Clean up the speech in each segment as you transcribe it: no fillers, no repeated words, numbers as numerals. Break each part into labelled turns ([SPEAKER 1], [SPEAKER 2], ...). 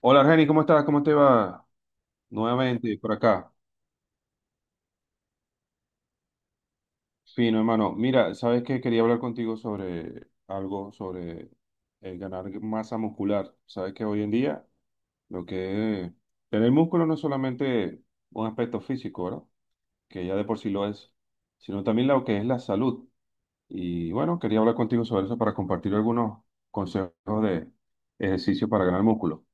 [SPEAKER 1] Hola, Argeni, ¿cómo estás? ¿Cómo te va? Nuevamente por acá. Fino, hermano. Mira, sabes que quería hablar contigo sobre algo, sobre el ganar masa muscular. Sabes que hoy en día lo que es tener músculo no es solamente un aspecto físico, ¿verdad? Que ya de por sí lo es, sino también lo que es la salud. Y bueno, quería hablar contigo sobre eso para compartir algunos consejos de ejercicio para ganar músculo.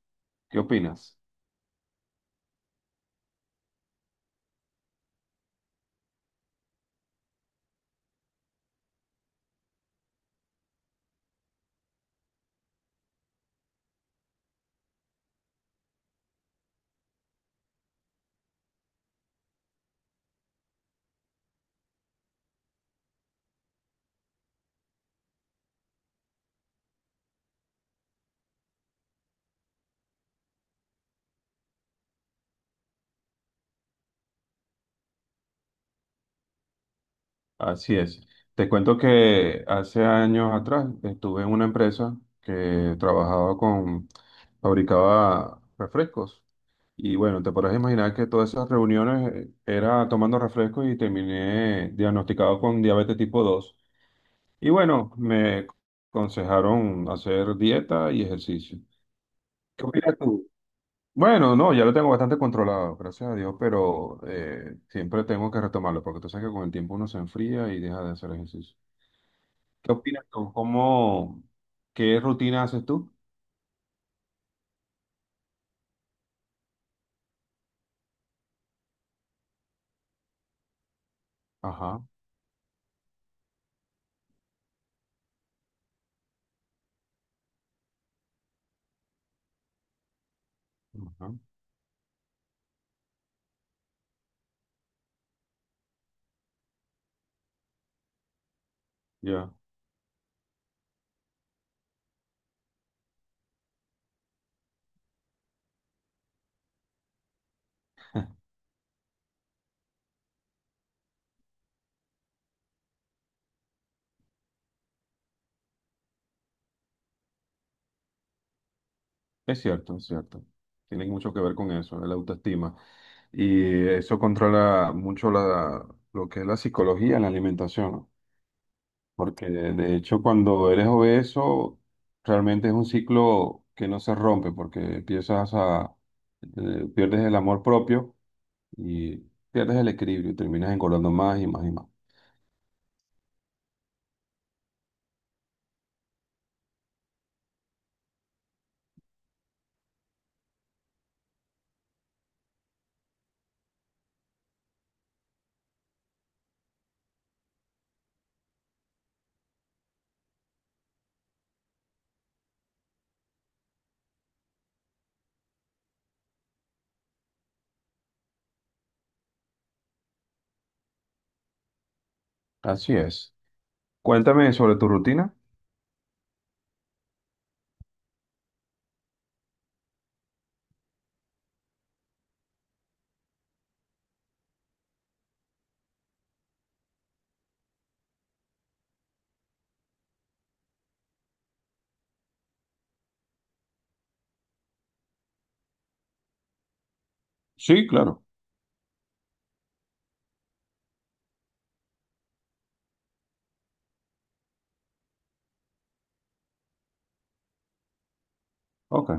[SPEAKER 1] ¿Qué opinas? Así es. Te cuento que hace años atrás estuve en una empresa que trabajaba fabricaba refrescos. Y bueno, te podrás imaginar que todas esas reuniones era tomando refrescos y terminé diagnosticado con diabetes tipo dos. Y bueno, me aconsejaron hacer dieta y ejercicio. ¿Qué opinas tú? Bueno, no, ya lo tengo bastante controlado, gracias a Dios, pero siempre tengo que retomarlo porque tú sabes que con el tiempo uno se enfría y deja de hacer ejercicio. ¿Qué opinas tú? ¿Qué rutina haces tú? Ajá, ajá, ya. Es cierto, es cierto. Tiene mucho que ver con eso, la autoestima. Y eso controla mucho lo que es la psicología en la alimentación, ¿no? Porque de hecho cuando eres obeso, realmente es un ciclo que no se rompe, porque pierdes el amor propio y pierdes el equilibrio, y terminas engordando más y más y más. Así es. Cuéntame sobre tu rutina. Sí, claro. Ok,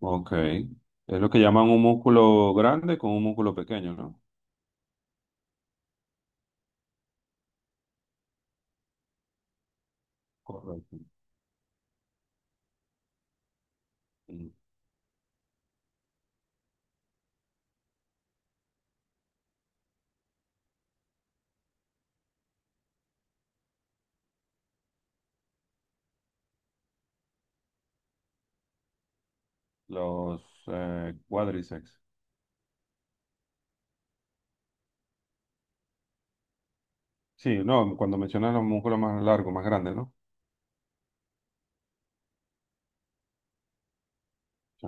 [SPEAKER 1] ok. Es lo que llaman un músculo grande con un músculo pequeño, ¿no? Correcto. Mm. Los cuádriceps. Sí, no, cuando mencionas los músculos más largos, más grandes, ¿no? Sí,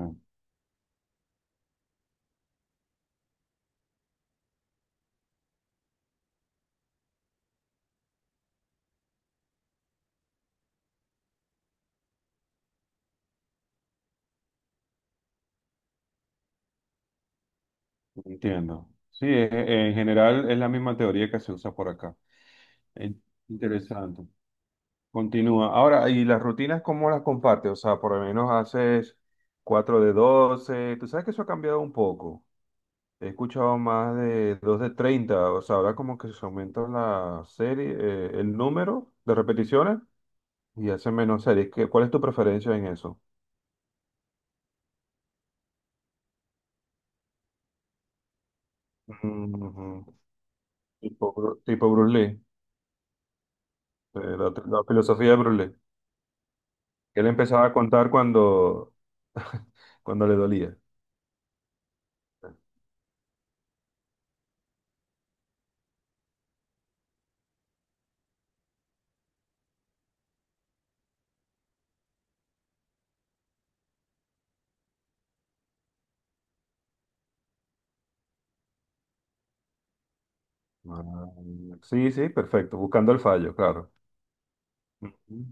[SPEAKER 1] entiendo. Sí, en general es la misma teoría que se usa por acá. Eh, Interesante. Continúa. Ahora, ¿y las rutinas cómo las compartes? O sea, por lo menos haces 4 de 12. Tú sabes que eso ha cambiado un poco. He escuchado más de 2 de 30, o sea, ahora como que se aumenta la serie, el número de repeticiones y hace menos series. ¿Cuál es tu preferencia en eso? Mm, tipo Bruce Lee, la filosofía de Bruce Lee. Él empezaba a contar cuando, cuando le dolía. Ah, sí, sí, perfecto, buscando el fallo, claro. Ujú.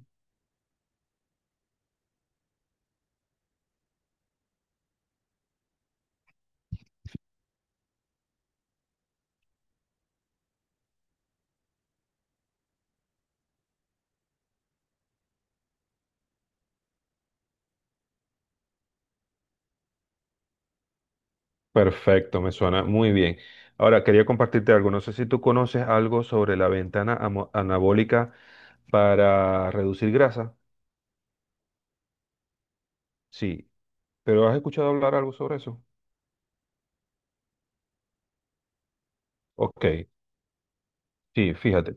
[SPEAKER 1] Perfecto, me suena muy bien. Ahora, quería compartirte algo. No sé si tú conoces algo sobre la ventana anabólica para reducir grasa. Sí, pero ¿has escuchado hablar algo sobre eso? Ok, sí, fíjate.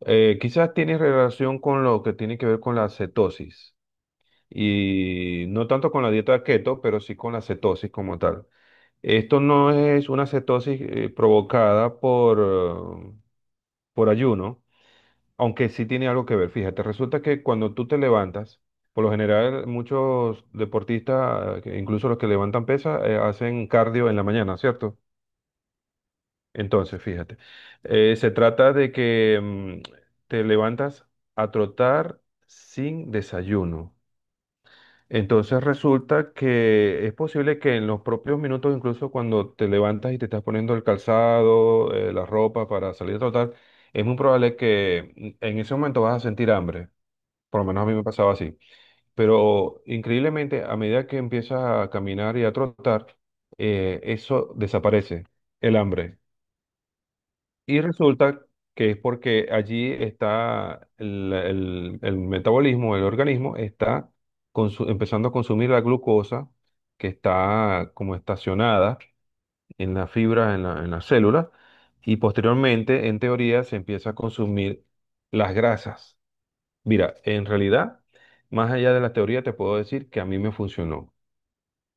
[SPEAKER 1] Quizás tiene relación con lo que tiene que ver con la cetosis y no tanto con la dieta keto, pero sí con la cetosis como tal. Esto no es una cetosis provocada por ayuno. Aunque sí tiene algo que ver, fíjate, resulta que cuando tú te levantas, por lo general muchos deportistas, que incluso los que levantan pesas, hacen cardio en la mañana, ¿cierto? Entonces, fíjate, se trata de que te levantas a trotar sin desayuno. Entonces resulta que es posible que en los propios minutos, incluso cuando te levantas y te estás poniendo el calzado, la ropa para salir a trotar, es muy probable que en ese momento vas a sentir hambre. Por lo menos a mí me pasaba así. Pero increíblemente, a medida que empiezas a caminar y a trotar, eso desaparece, el hambre. Y resulta que es porque allí está el metabolismo, el organismo está empezando a consumir la glucosa que está como estacionada en la fibra, en la célula, y posteriormente, en teoría, se empieza a consumir las grasas. Mira, en realidad, más allá de la teoría, te puedo decir que a mí me funcionó.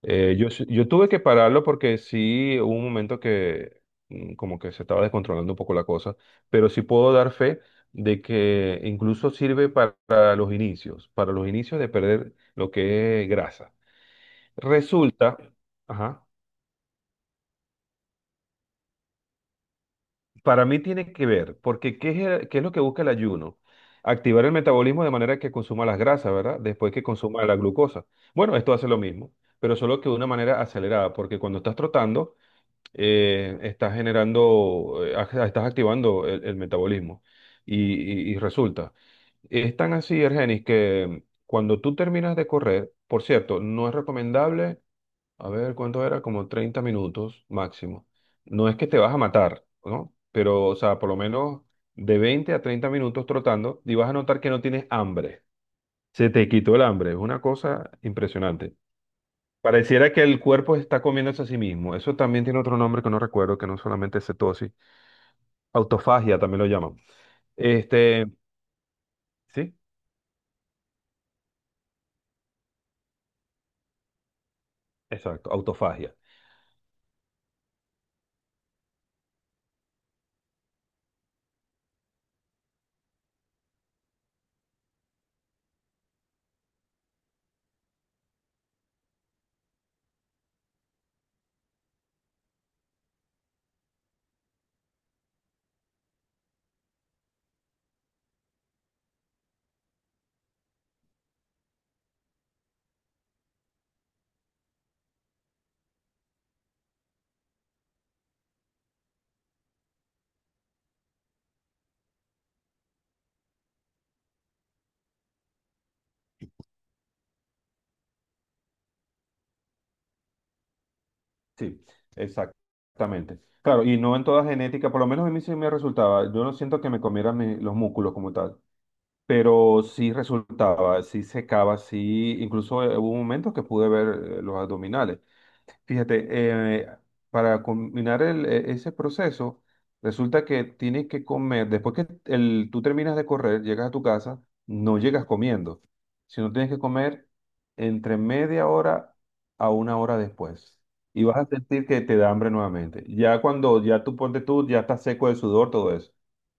[SPEAKER 1] Yo tuve que pararlo porque sí hubo un momento que como que se estaba descontrolando un poco la cosa, pero sí puedo dar fe de que incluso sirve para los inicios, para los inicios de perder lo que es grasa. Resulta, ajá. Para mí tiene que ver, porque ¿qué es lo que busca el ayuno? Activar el metabolismo de manera que consuma las grasas, ¿verdad? Después que consuma la glucosa. Bueno, esto hace lo mismo, pero solo que de una manera acelerada, porque cuando estás trotando, estás generando, estás activando el metabolismo. Y, y resulta, es tan así, Ergenis, que cuando tú terminas de correr, por cierto, no es recomendable a ver, ¿cuánto era? Como 30 minutos máximo. No es que te vas a matar, ¿no? Pero, o sea, por lo menos de 20 a 30 minutos trotando y vas a notar que no tienes hambre. Se te quitó el hambre. Es una cosa impresionante. Pareciera que el cuerpo está comiéndose a sí mismo. Eso también tiene otro nombre que no recuerdo, que no solamente es cetosis. Autofagia también lo llaman. Este, sí, exacto, autofagia. Sí, exactamente. Claro, y no en toda genética, por lo menos a mí sí me resultaba. Yo no siento que me comieran los músculos como tal, pero sí resultaba, sí secaba, sí. Incluso hubo momentos que pude ver los abdominales. Fíjate, eh, para combinar ese proceso, resulta que tienes que comer, después que tú terminas de correr, llegas a tu casa, no llegas comiendo, sino tienes que comer entre media hora a una hora después. Y vas a sentir que te da hambre nuevamente. Ya cuando ya tú ponte tú, ya estás seco de sudor, todo eso.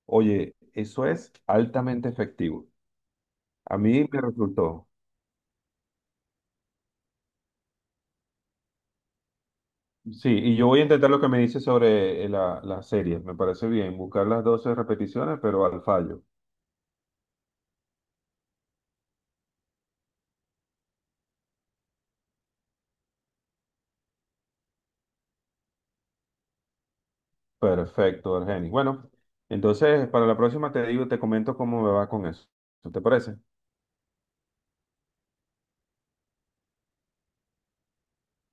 [SPEAKER 1] Oye, eso es altamente efectivo. A mí me resultó. Sí, y yo voy a intentar lo que me dice sobre la serie. Me parece bien, buscar las 12 repeticiones, pero al fallo. Perfecto, Argenis. Bueno, entonces para la próxima te digo, te comento cómo me va con eso. ¿Te parece?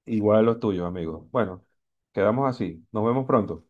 [SPEAKER 1] Igual los tuyos, amigo. Bueno, quedamos así. Nos vemos pronto.